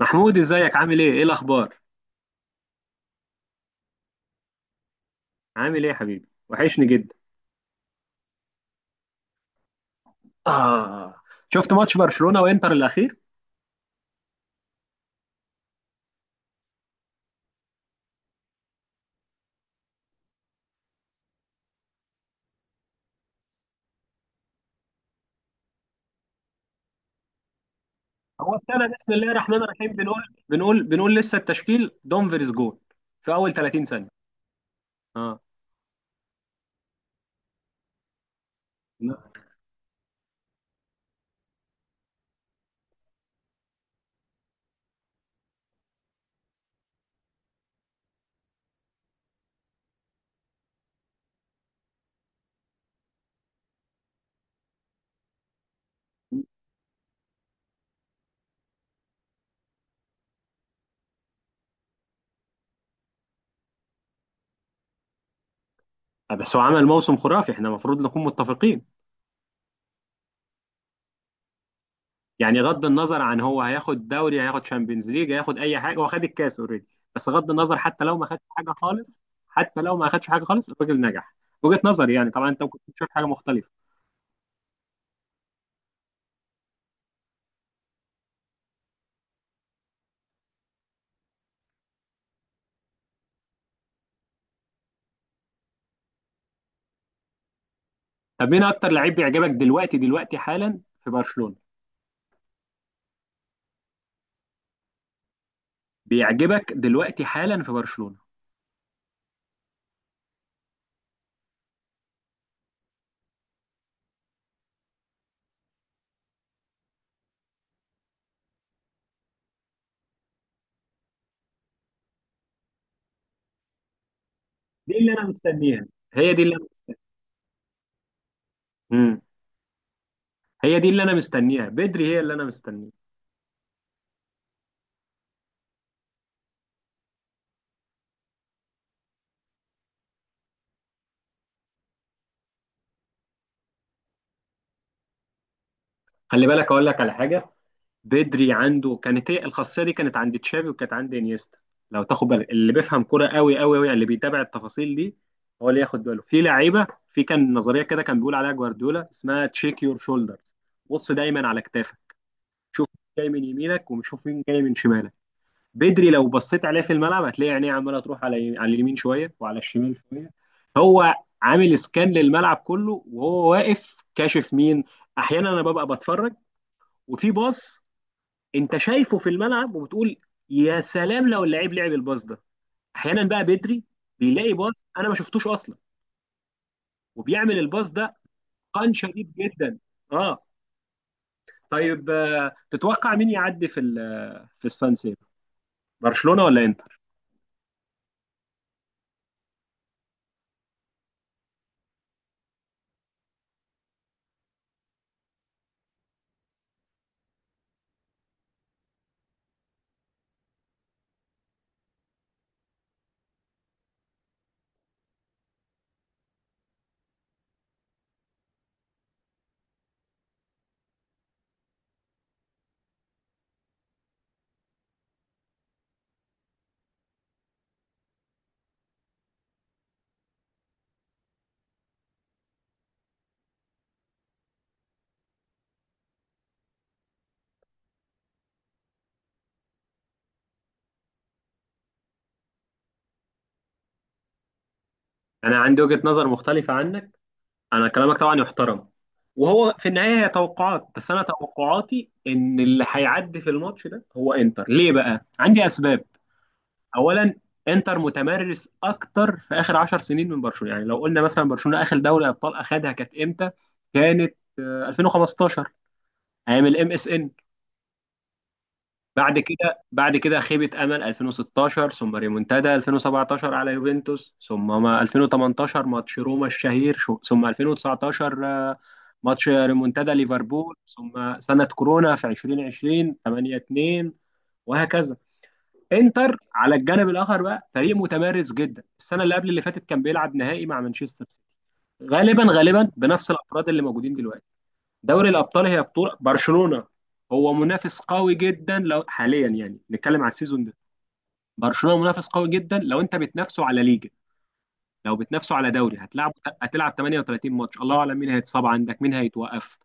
محمود، ازيك؟ عامل ايه؟ ايه الاخبار؟ عامل ايه يا حبيبي؟ وحشني جدا. آه. شفت ماتش برشلونة وانتر الاخير؟ هو ابتدى بسم الله الرحمن الرحيم. بنقول لسه التشكيل دومفريز جول في اول 30 ثانية. اه. لا، بس هو عمل موسم خرافي، احنا المفروض نكون متفقين. يعني غض النظر عن هو هياخد دوري، هياخد شامبيونز ليج، هياخد اي حاجة، هو خد الكاس اوريدي. بس غض النظر، حتى لو ما خدش حاجة خالص، حتى لو ما خدش حاجة خالص، الراجل نجح. وجهة نظري يعني، طبعا انت ممكن تشوف حاجة مختلفة. طب مين اكتر لعيب بيعجبك دلوقتي دلوقتي حالا في برشلونة؟ بيعجبك دلوقتي حالا في برشلونة؟ دي اللي انا مستنيها، هي دي اللي انا مستنيها. امم هي دي اللي انا مستنيها، بدري، هي اللي انا مستنيها. خلي بالك اقول لك على حاجة. بدري عنده كانت هي الخاصية دي، كانت عند تشافي وكانت عند انيستا. لو تاخد بالك، اللي بيفهم كرة قوي قوي قوي، اللي بيتابع التفاصيل دي، هو اللي ياخد باله في لعيبة. في كان نظرية كده كان بيقول عليها جوارديولا اسمها تشيك يور شولدرز. بص دايما على كتافك، شوف مين جاي من يمينك وشوف مين جاي من شمالك. بدري لو بصيت عليه في الملعب، هتلاقي عينيه عماله تروح على اليمين شويه وعلى الشمال شويه. هو عامل سكان للملعب كله وهو واقف، كاشف مين. احيانا انا ببقى بتفرج، وفي باص انت شايفه في الملعب وبتقول يا سلام لو اللعيب لعب الباص ده. احيانا بقى بدري بيلاقي باص انا ما شفتوش اصلا، وبيعمل الباص ده. قان شديد جدا. اه. طيب، تتوقع مين يعدي في السان سيرو؟ برشلونه ولا انتر؟ انا عندي وجهه نظر مختلفه عنك. انا كلامك طبعا يحترم، وهو في النهايه هي توقعات، بس انا توقعاتي ان اللي هيعدي في الماتش ده هو انتر. ليه بقى عندي اسباب؟ اولا، انتر متمرس اكتر في اخر 10 سنين من برشلونه. يعني لو قلنا مثلا برشلونه اخر دوري ابطال اخدها كانت امتى؟ كانت 2015، ايام الام اس ان. بعد كده، خيبة أمل 2016، ثم ريمونتادا 2017 على يوفنتوس، ثم ما 2018 ماتش روما الشهير، ثم 2019، ماتش ريمونتادا ليفربول، ثم سنة كورونا في 2020، 8-2، وهكذا. انتر على الجانب الآخر بقى فريق متمرس جدا، السنة اللي قبل اللي فاتت كان بيلعب نهائي مع مانشستر سيتي، غالبا غالبا بنفس الأفراد اللي موجودين دلوقتي. دوري الابطال هي بطوله برشلونه، هو منافس قوي جدا لو حاليا يعني نتكلم على السيزون ده. برشلونه منافس قوي جدا لو انت بتنافسه على ليجا. لو بتنافسه على دوري، هتلعب 38 ماتش، الله اعلم مين هيتصاب عندك، مين هيتوقف.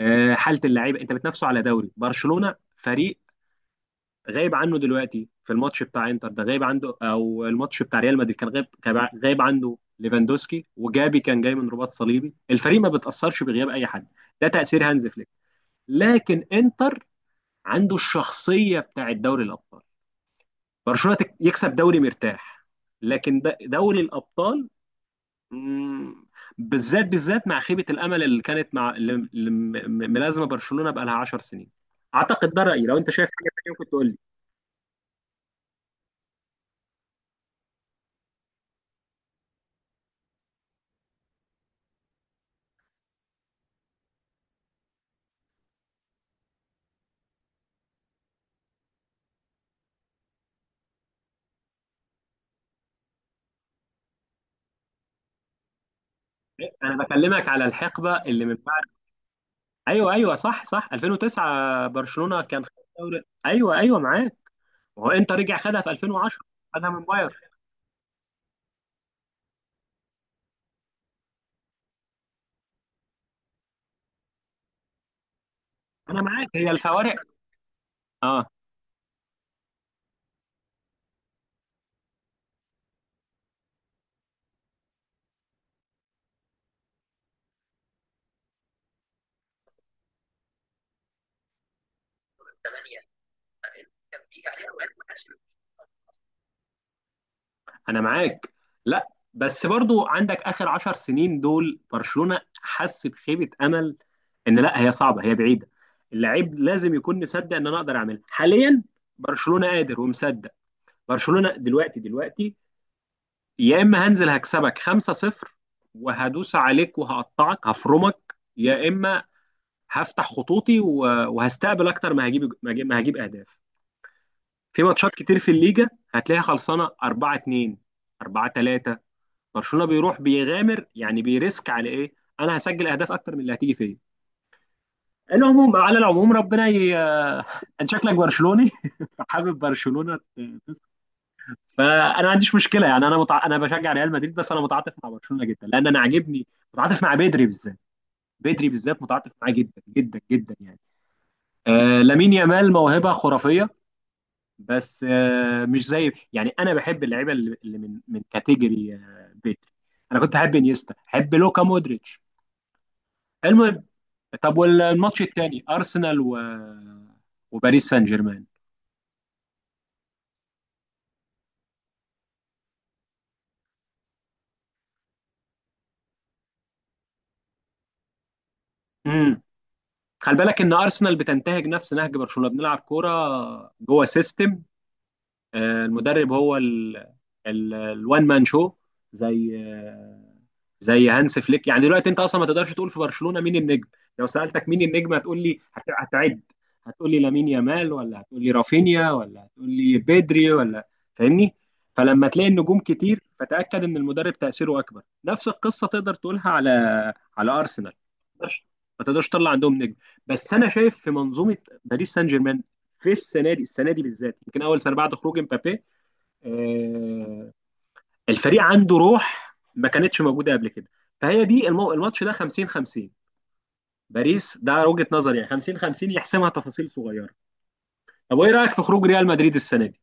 حاله اللعيبه، انت بتنافسه على دوري. برشلونه فريق غايب عنه دلوقتي في الماتش بتاع انتر ده، غايب عنده، او الماتش بتاع ريال مدريد كان غايب عنده ليفاندوسكي، وجابي كان جاي من رباط صليبي. الفريق ما بتاثرش بغياب اي حد، ده تاثير هانز فليك. لكن انتر عنده الشخصيه بتاعت دوري الابطال. برشلونه يكسب دوري مرتاح، لكن دوري الابطال، مم، بالذات بالذات مع خيبه الامل اللي كانت، مع اللي ملازمه برشلونه بقى لها 10 سنين. اعتقد ده رايي، لو انت شايف حاجه ثانيه ممكن تقول لي. انا بكلمك على الحقبه اللي من بعد. ايوه ايوه، صح صح، 2009 برشلونه كان خد دوري. ايوه ايوه، معاك. وهو انت رجع خدها في 2010، خدها من بايرن. انا معاك، هي الفوارق. اه، انا معاك. لا بس برضو عندك اخر 10 سنين دول برشلونة حس بخيبة امل، ان لا، هي صعبة، هي بعيدة. اللاعب لازم يكون مصدق ان انا اقدر اعملها حاليا. برشلونة قادر ومصدق. برشلونة دلوقتي دلوقتي، يا اما هنزل هكسبك 5-0 وهدوس عليك وهقطعك هفرمك، يا اما هفتح خطوطي وهستقبل اكتر، ما هجيب اهداف. في ماتشات كتير في الليجا هتلاقيها خلصانة 4-2، 4-3، برشلونه بيروح بيغامر، يعني بيريسك على ايه؟ انا هسجل اهداف اكتر من اللي هتيجي فيا. على العموم، ربنا انت شكلك برشلوني فحابب برشلونه. فانا ما عنديش مشكله، يعني انا انا بشجع ريال مدريد، بس انا متعاطف مع برشلونه جدا لان انا عاجبني. متعاطف مع بدري بالذات، بدري بالذات متعاطف معاه جدا جدا جدا يعني. لامين يامال موهبه خرافيه، بس مش زي، يعني انا بحب اللعيبه اللي من كاتيجوري بدري. انا كنت احب انيستا، احب لوكا مودريتش. المهم، طب والماتش التاني ارسنال وباريس سان جيرمان؟ امم خلي بالك ان ارسنال بتنتهج نفس نهج برشلونه، بنلعب كوره جوه سيستم. المدرب هو الوان مان شو، زي زي هانس فليك. يعني دلوقتي انت اصلا ما تقدرش تقول في برشلونه مين النجم. لو سالتك مين النجم، هتقول لي، هتعد. هتقول لي لامين يامال، ولا هتقول لي رافينيا، ولا هتقول لي بيدري، ولا؟ فاهمني؟ فلما تلاقي النجوم كتير فتاكد ان المدرب تاثيره اكبر. نفس القصه تقدر تقولها على ارسنال. ما تقدرش ما تقدرش تطلع عندهم نجم. بس انا شايف في منظومه. باريس سان جيرمان في السنه دي، السنه دي بالذات يمكن اول سنه بعد خروج امبابي، آه، الفريق عنده روح ما كانتش موجوده قبل كده. فهي دي الماتش ده 50 50، باريس، ده وجهه نظري يعني، 50 50 يحسمها تفاصيل صغيره. طب وايه رايك في خروج ريال مدريد السنه دي؟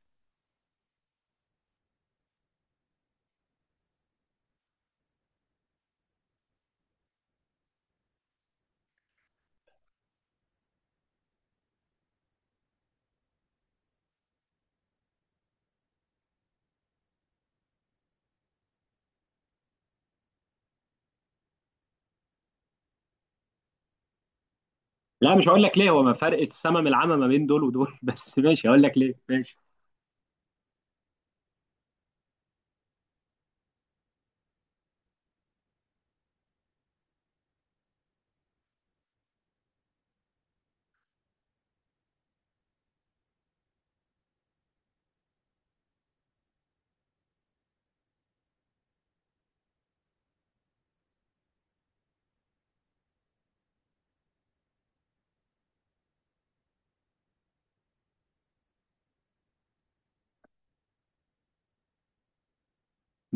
لا، مش هقول لك ليه، هو ما فرق السما من العمى ما بين دول ودول. بس ماشي، هقول لك ليه، ماشي.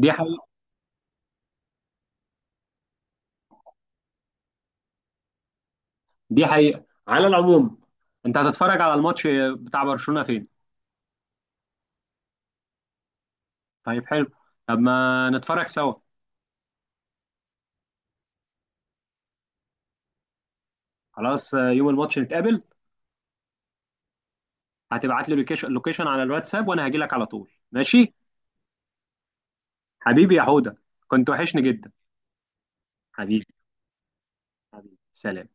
دي حقيقه، دي حقيقه على العموم. انت هتتفرج على الماتش بتاع برشلونه فين؟ طيب، حلو. طب ما نتفرج سوا. خلاص، يوم الماتش نتقابل. هتبعت لي لوكيشن لوكيشن على الواتساب، وانا هاجي لك على طول ماشي. حبيبي يا حوده، كنت وحشني جدا. حبيبي، حبيبي سلام.